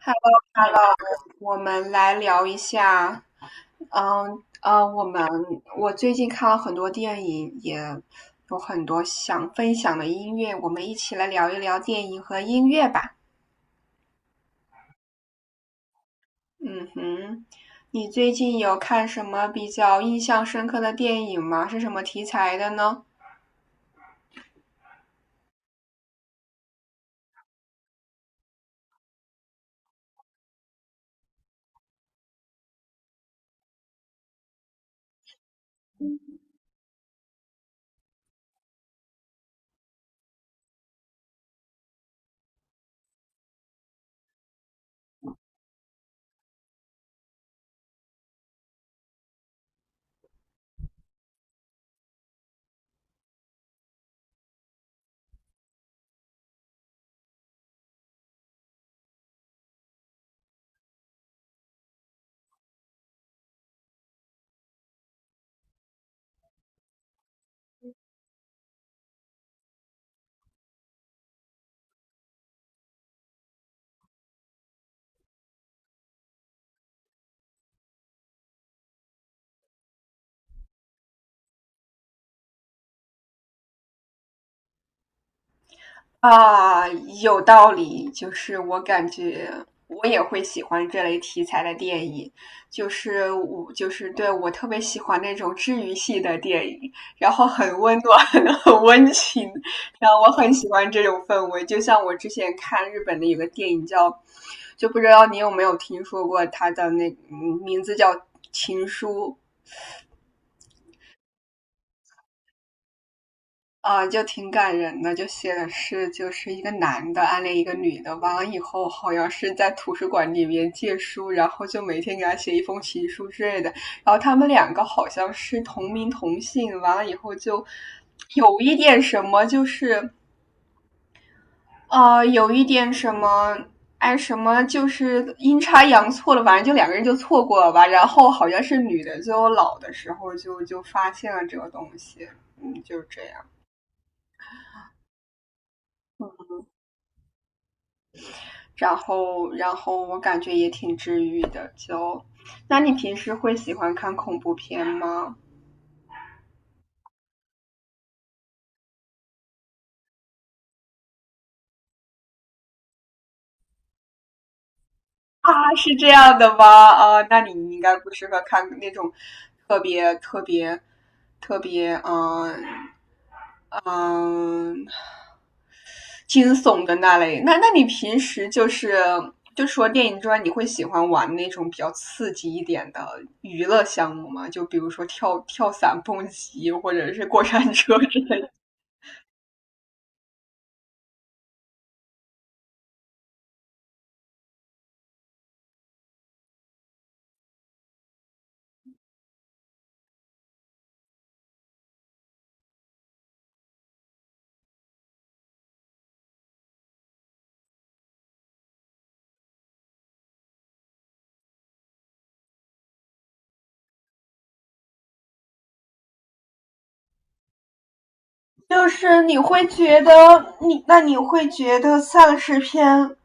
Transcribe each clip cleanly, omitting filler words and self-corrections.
好，我们来聊一下，嗯呃，我们我最近看了很多电影，也有很多想分享的音乐，我们一起来聊一聊电影和音乐吧。嗯哼，你最近有看什么比较印象深刻的电影吗？是什么题材的呢？啊，有道理。就是我感觉我也会喜欢这类题材的电影，就是我就是对我特别喜欢那种治愈系的电影，然后很温暖、很温情，然后我很喜欢这种氛围。就像我之前看日本的有个电影叫，就不知道你有没有听说过它的那名字叫《情书》。啊，就挺感人的，就写的是就是一个男的暗恋一个女的，完了以后好像是在图书馆里面借书，然后就每天给他写一封情书之类的。然后他们两个好像是同名同姓，完了以后就有一点什么，就是啊，有一点什么。哎，什么就是阴差阳错了，反正就两个人就错过了吧。然后好像是女的，最后老的时候就发现了这个东西，嗯，就是这样。然后我感觉也挺治愈的。就，那你平时会喜欢看恐怖片吗？啊，是这样的吗？啊，那你应该不适合看那种特别特别特别嗯惊悚的那类。那你平时就是就除了电影之外，你会喜欢玩那种比较刺激一点的娱乐项目吗？就比如说跳伞、蹦极，或者是过山车之类。就是你会觉得你，那你会觉得丧尸片，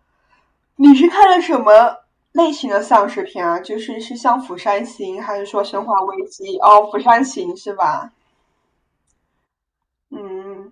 你是看了什么类型的丧尸片啊？就是是像《釜山行》，还是说《生化危机》？哦，《釜山行》是吧？嗯，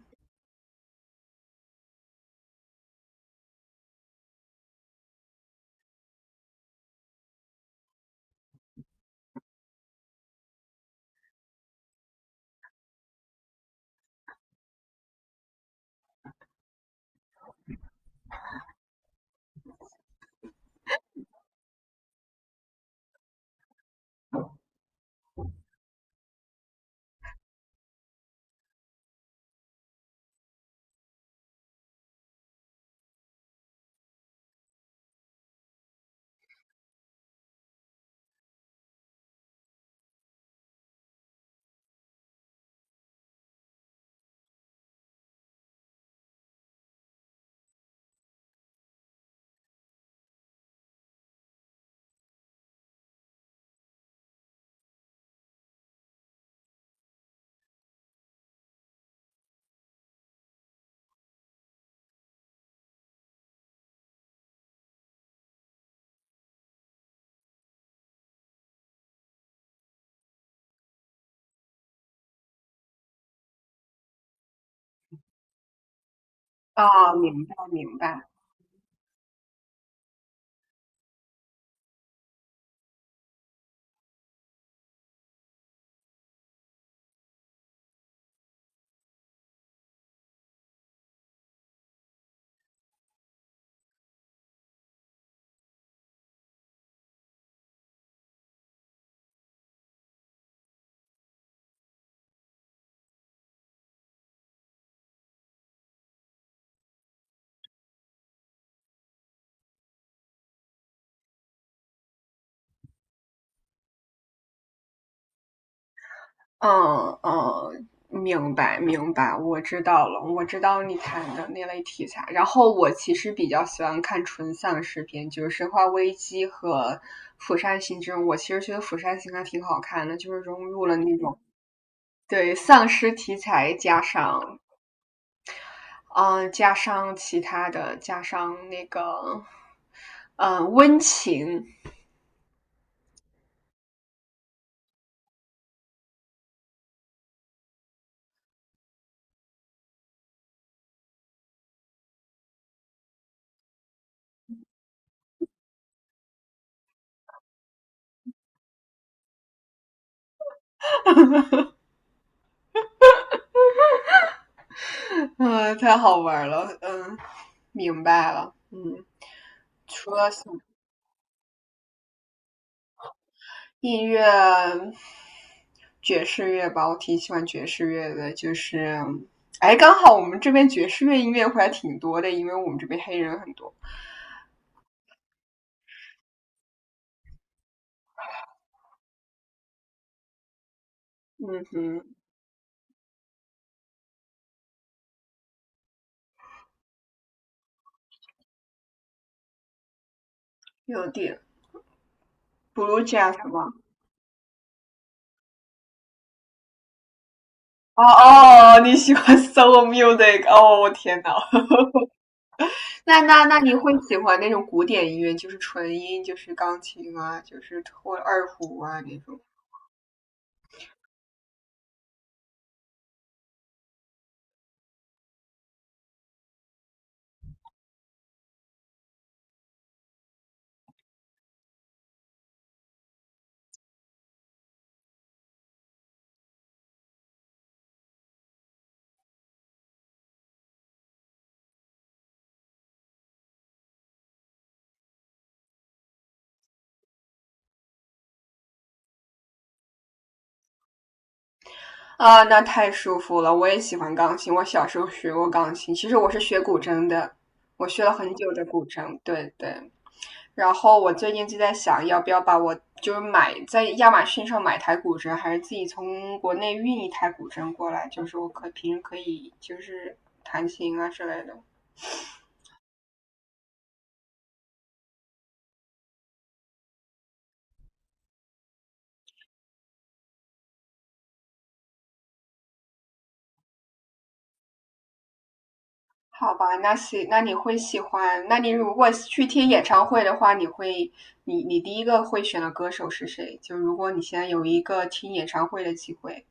啊，明白明白。嗯嗯，明白明白，我知道了，我知道你谈的那类题材。然后我其实比较喜欢看纯丧尸片，就是《生化危机》和《釜山行》这种。我其实觉得《釜山行》还挺好看的，就是融入了那种对丧尸题材，加上加上其他的，加上那个温情。嗯太好玩了，明白了，嗯。我。音乐，爵士乐吧，我挺喜欢爵士乐的，就是，哎，刚好我们这边爵士乐音乐会还挺多的，因为我们这边黑人很多。嗯哼，有点 blue jazz 吗？哦哦，你喜欢 solo music？哦，我天呐。那你会喜欢那种古典音乐，就是纯音，就是钢琴啊，就是或者二胡啊那种。啊，那太舒服了！我也喜欢钢琴，我小时候学过钢琴。其实我是学古筝的，我学了很久的古筝。对对。然后我最近就在想，要不要把我就是买在亚马逊上买台古筝，还是自己从国内运一台古筝过来？就是我平时可以就是弹琴啊之类的。好吧，那你会喜欢？那你如果去听演唱会的话，你第一个会选的歌手是谁？就如果你现在有一个听演唱会的机会。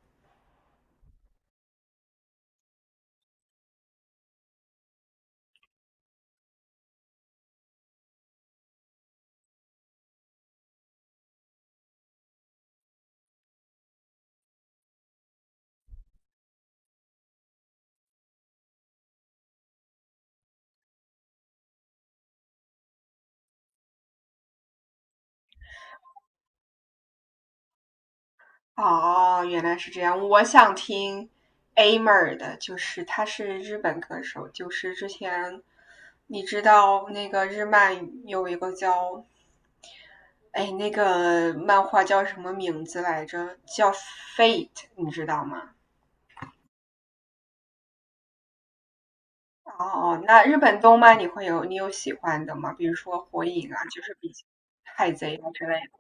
哦，原来是这样。我想听 A 妹儿的，就是他是日本歌手，就是之前你知道那个日漫有一个叫那个漫画叫什么名字来着？叫 Fate，你知道吗？哦，那日本动漫你会有你有喜欢的吗？比如说火影啊，就是海贼啊之类的。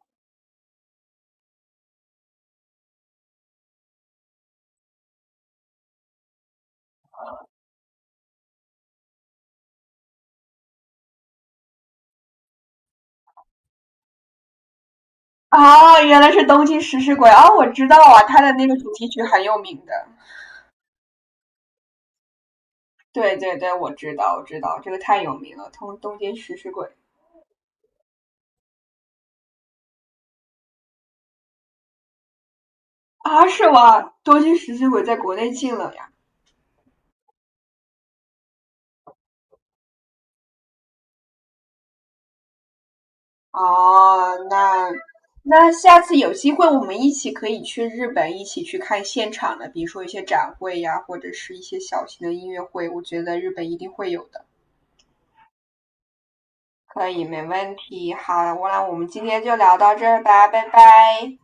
哦，原来是东京食尸鬼哦，我知道啊，他的那个主题曲很有名的。对对对，我知道，我知道，这个太有名了，东京食尸鬼啊，是吗？东京食尸鬼在国内禁了呀。哦，那下次有机会我们一起可以去日本，一起去看现场的，比如说一些展会呀，或者是一些小型的音乐会，我觉得日本一定会有的。可以，没问题。好，那我们今天就聊到这儿吧，拜拜。